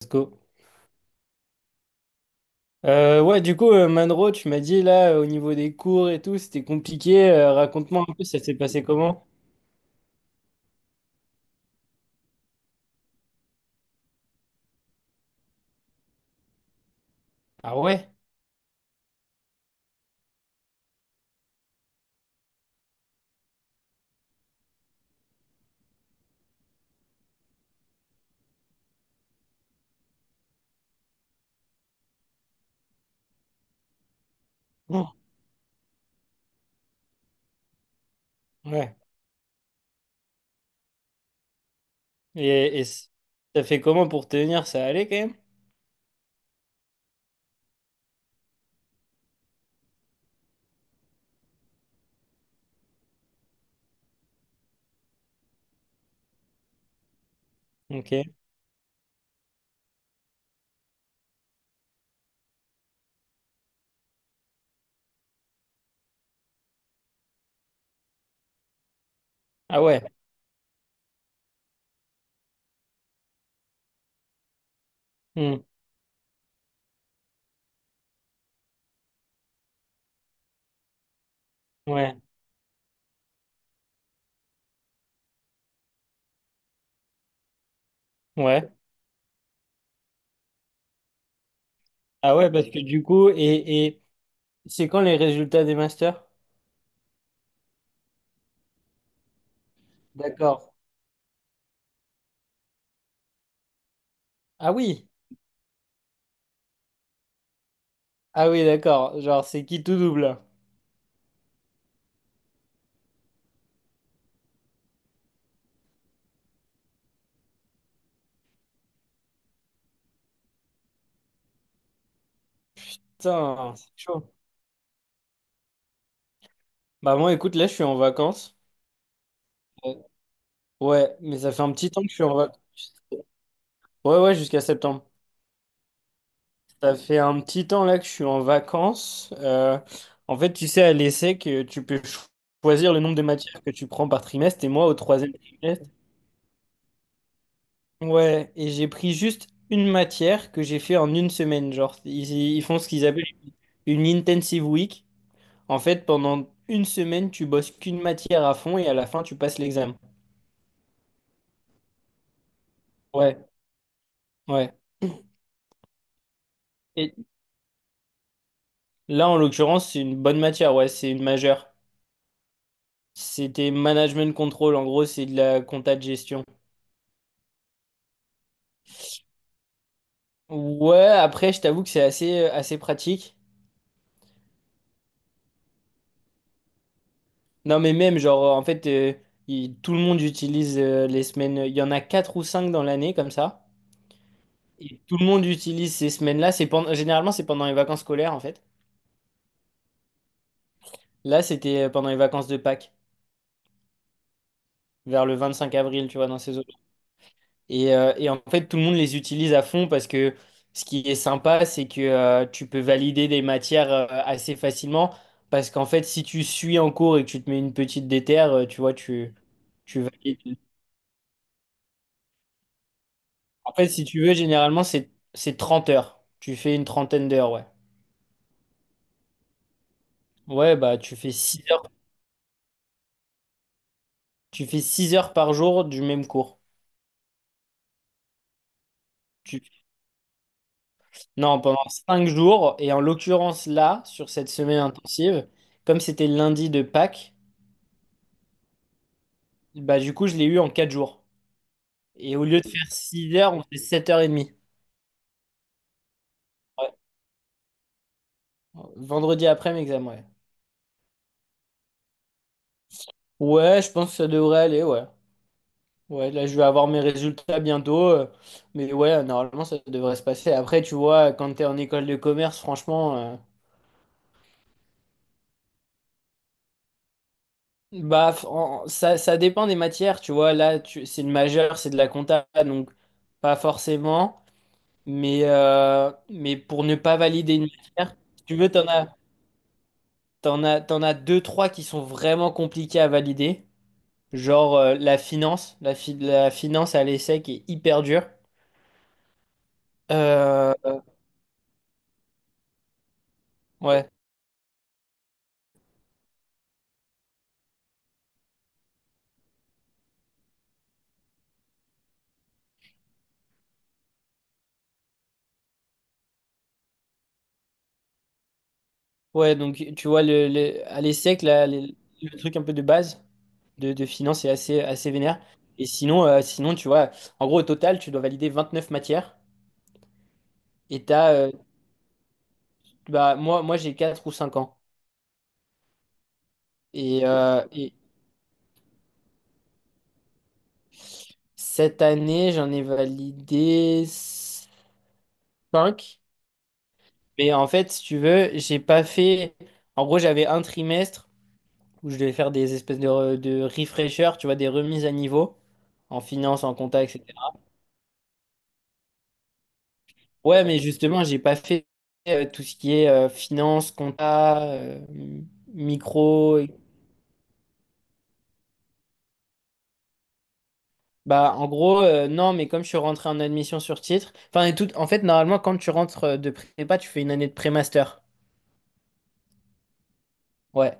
Let's go. Ouais, du coup, Manro, tu m'as dit là, au niveau des cours et tout, c'était compliqué. Raconte-moi un peu, ça s'est passé comment? Ah ouais? Oh, ouais. Et, et c- Ça fait comment pour tenir? Ça allait quand même? Ok. Ah ouais. Hmm. Ouais. Ouais. Ah ouais, parce que du coup, c'est quand les résultats des masters? D'accord. Ah oui. Ah oui, d'accord. Genre, c'est qui tout double? Là, putain, c'est chaud. Bah moi, écoute, là, je suis en vacances. Euh, Ouais, mais ça fait un petit temps que je suis en vacances. Ouais, ouais, jusqu'à septembre. Ça fait un petit temps là que je suis en vacances. En fait, tu sais, à l'essai que tu peux choisir le nombre de matières que tu prends par trimestre. Et moi, au troisième trimestre, ouais, et j'ai pris juste une matière que j'ai fait en une semaine. Genre, ils font ce qu'ils appellent une intensive week. En fait, pendant une semaine, tu bosses qu'une matière à fond et à la fin, tu passes l'examen. Ouais, ouais. Et là, en l'occurrence, c'est une bonne matière. Ouais, c'est une majeure. C'était management control. En gros, c'est de la compta de gestion. Ouais, après, je t'avoue que c'est assez, assez pratique. Non, mais même, genre, en fait, tout le monde utilise les semaines. Il y en a quatre ou cinq dans l'année, comme ça. Et tout le monde utilise ces semaines-là. C'est pendant, généralement, c'est pendant les vacances scolaires, en fait. Là, c'était pendant les vacances de Pâques, vers le 25 avril, tu vois, dans ces eaux. Et en fait, tout le monde les utilise à fond parce que ce qui est sympa, c'est que tu peux valider des matières assez facilement. Parce qu'en fait, si tu suis en cours et que tu te mets une petite déterre, tu vois, tu valides. En fait, si tu veux, généralement, c'est 30 heures. Tu fais une trentaine d'heures, ouais. Ouais, bah, tu fais 6 heures par jour du même cours. Tu... Non, pendant 5 jours. Et en l'occurrence, là, sur cette semaine intensive, comme c'était lundi de Pâques, bah, du coup, je l'ai eu en 4 jours. Et au lieu de faire 6 heures, on fait sept heures 30. Ouais. Vendredi après mes examens, ouais. Ouais, je pense que ça devrait aller, ouais. Ouais, là, je vais avoir mes résultats bientôt. Mais ouais, normalement, ça devrait se passer. Après, tu vois, quand t'es en école de commerce, franchement, ça, ça dépend des matières, tu vois. Là, tu, c'est le majeur, c'est de la compta, donc pas forcément. Mais pour ne pas valider une matière, si tu veux, t'en as deux, trois qui sont vraiment compliqués à valider. Genre la finance, la finance à l'ESSEC est hyper dure. Euh, euh, ouais, ouais, donc tu vois, à l'ESSEC, là, le truc un peu de base de finance est assez, assez vénère. Et sinon, sinon, tu vois, en gros, au total, tu dois valider 29 matières. Et t'as, euh, moi, moi j'ai 4 ou cinq ans. Et cette année, j'en ai validé 5. Mais en fait, si tu veux, j'ai pas fait. En gros, j'avais un trimestre où je devais faire des espèces de, de refreshers, tu vois, des remises à niveau en finance, en compta, etc. Ouais, mais justement, j'ai pas fait tout ce qui est finance, compta, micro. Bah, en gros, non, mais comme je suis rentré en admission sur titre, enfin, et tout, en fait, normalement, quand tu rentres de prépa, tu fais une année de pré-master. Ouais,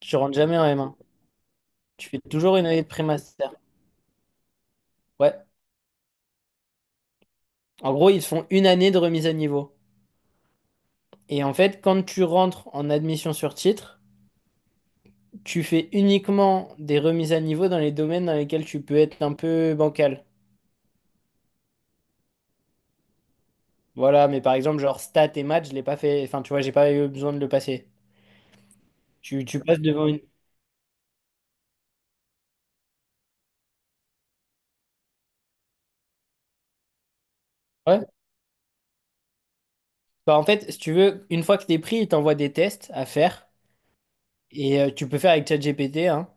tu rentres jamais en M1. Tu fais toujours une année de pré-master. Ouais. En gros, ils te font une année de remise à niveau. Et en fait, quand tu rentres en admission sur titre, tu fais uniquement des remises à niveau dans les domaines dans lesquels tu peux être un peu bancal. Voilà, mais par exemple, genre stats et maths, je l'ai pas fait. Enfin, tu vois, j'ai pas eu besoin de le passer. Tu passes devant une. Ouais. Bah, en fait, si tu veux, une fois que t'es pris, il t'envoie des tests à faire. Et tu peux faire avec ChatGPT, hein.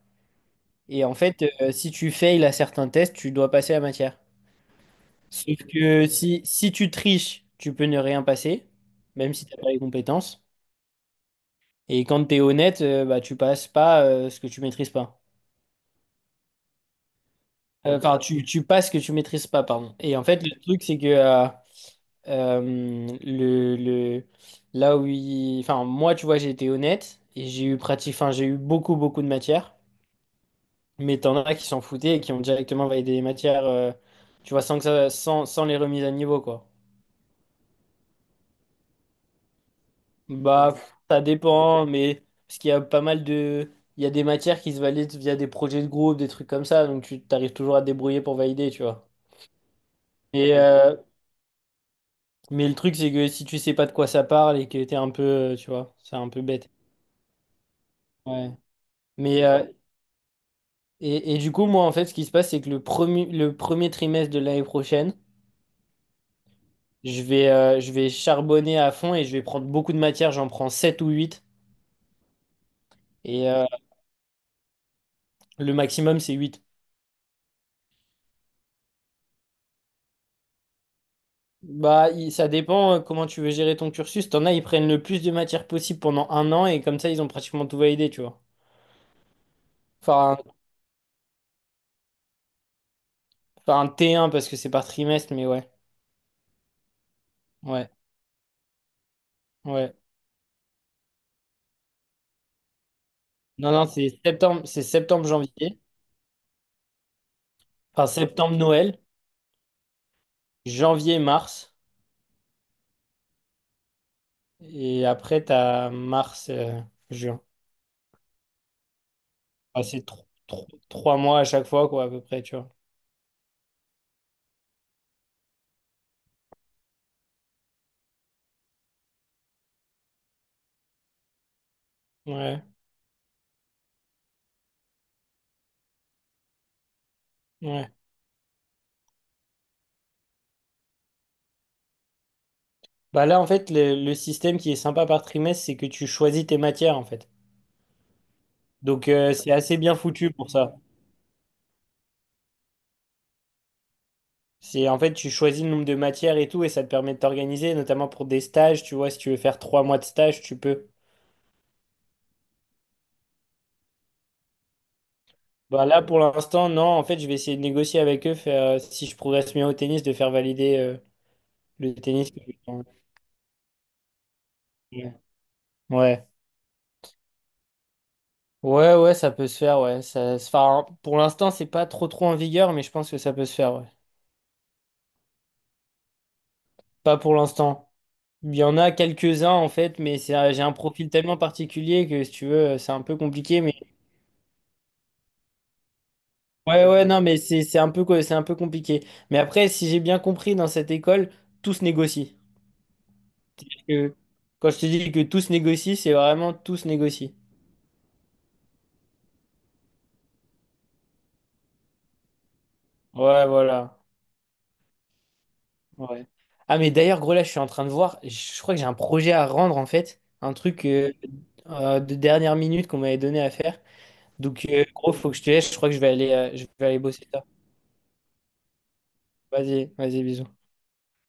Et en fait, si tu fails à certains tests, tu dois passer la matière. Sauf que si tu triches, tu peux ne rien passer, même si t'as pas les compétences. Et quand t'es honnête, bah, tu passes pas ce que tu maîtrises pas. Enfin, tu passes ce que tu maîtrises pas, pardon. Et en fait, le truc, c'est que euh, le, le, là où il... Enfin, moi, tu vois, j'ai été honnête et j'ai eu pratique... Enfin, j'ai eu beaucoup, beaucoup de matières. Mais t'en as qui s'en foutaient et qui ont directement validé les matières, tu vois, sans que ça... sans les remises à niveau, quoi. Bah, ouais. Pff, ça dépend, mais... Parce qu'il y a pas mal de... Il y a des matières qui se valident via des projets de groupe, des trucs comme ça. Donc, tu t'arrives toujours à te débrouiller pour valider, tu vois. Et, Ok. Mais le truc, c'est que si tu sais pas de quoi ça parle et que t'es un peu, tu vois, c'est un peu bête. Ouais. Mais, euh, et du coup, moi, en fait, ce qui se passe, c'est que le premier trimestre de l'année prochaine, je vais charbonner à fond et je vais prendre beaucoup de matières. J'en prends 7 ou huit. Et le maximum, c'est 8. Bah, ça dépend comment tu veux gérer ton cursus. T'en as, ils prennent le plus de matières possible pendant un an et comme ça, ils ont pratiquement tout validé, tu vois. Enfin, un, enfin, un T1 parce que c'est par trimestre, mais ouais. Ouais, ouais. Non, non, c'est septembre, c'est septembre-janvier. Enfin, septembre-Noël, janvier-mars. Et après, t'as mars-juin. C'est trois mois à chaque fois, quoi, à peu près, tu vois. Ouais, ouais. Bah là, en fait, le système qui est sympa par trimestre, c'est que tu choisis tes matières, en fait. Donc, c'est assez bien foutu pour ça. C'est, en fait, tu choisis le nombre de matières et tout, et ça te permet de t'organiser, notamment pour des stages, tu vois, si tu veux faire trois mois de stage, tu peux. Bah là, pour l'instant, non. En fait, je vais essayer de négocier avec eux, faire, si je progresse bien au tennis, de faire valider le tennis. J'ai- Ouais. Ouais, ouais, ça peut se faire, ouais. Ça, enfin, pour l'instant, c'est pas trop trop en vigueur, mais je pense que ça peut se faire, ouais. Pas pour l'instant. Il y en a quelques-uns, en fait, mais j'ai un profil tellement particulier que, si tu veux, c'est un peu compliqué, mais... Ouais, ouais, non, mais c'est un peu, c'est un peu compliqué. Mais après, si j'ai bien compris, dans cette école, tout se négocie. Que Quand je te dis que tout se négocie, c'est vraiment tout se négocie. Ouais, voilà. Ouais. Ah, mais d'ailleurs, gros, là, je suis en train de voir. Je crois que j'ai un projet à rendre, en fait. Un truc de dernière minute qu'on m'avait donné à faire. Donc, gros, faut que je te laisse. Je crois que je vais aller bosser ça. Vas-y, vas-y, bisous.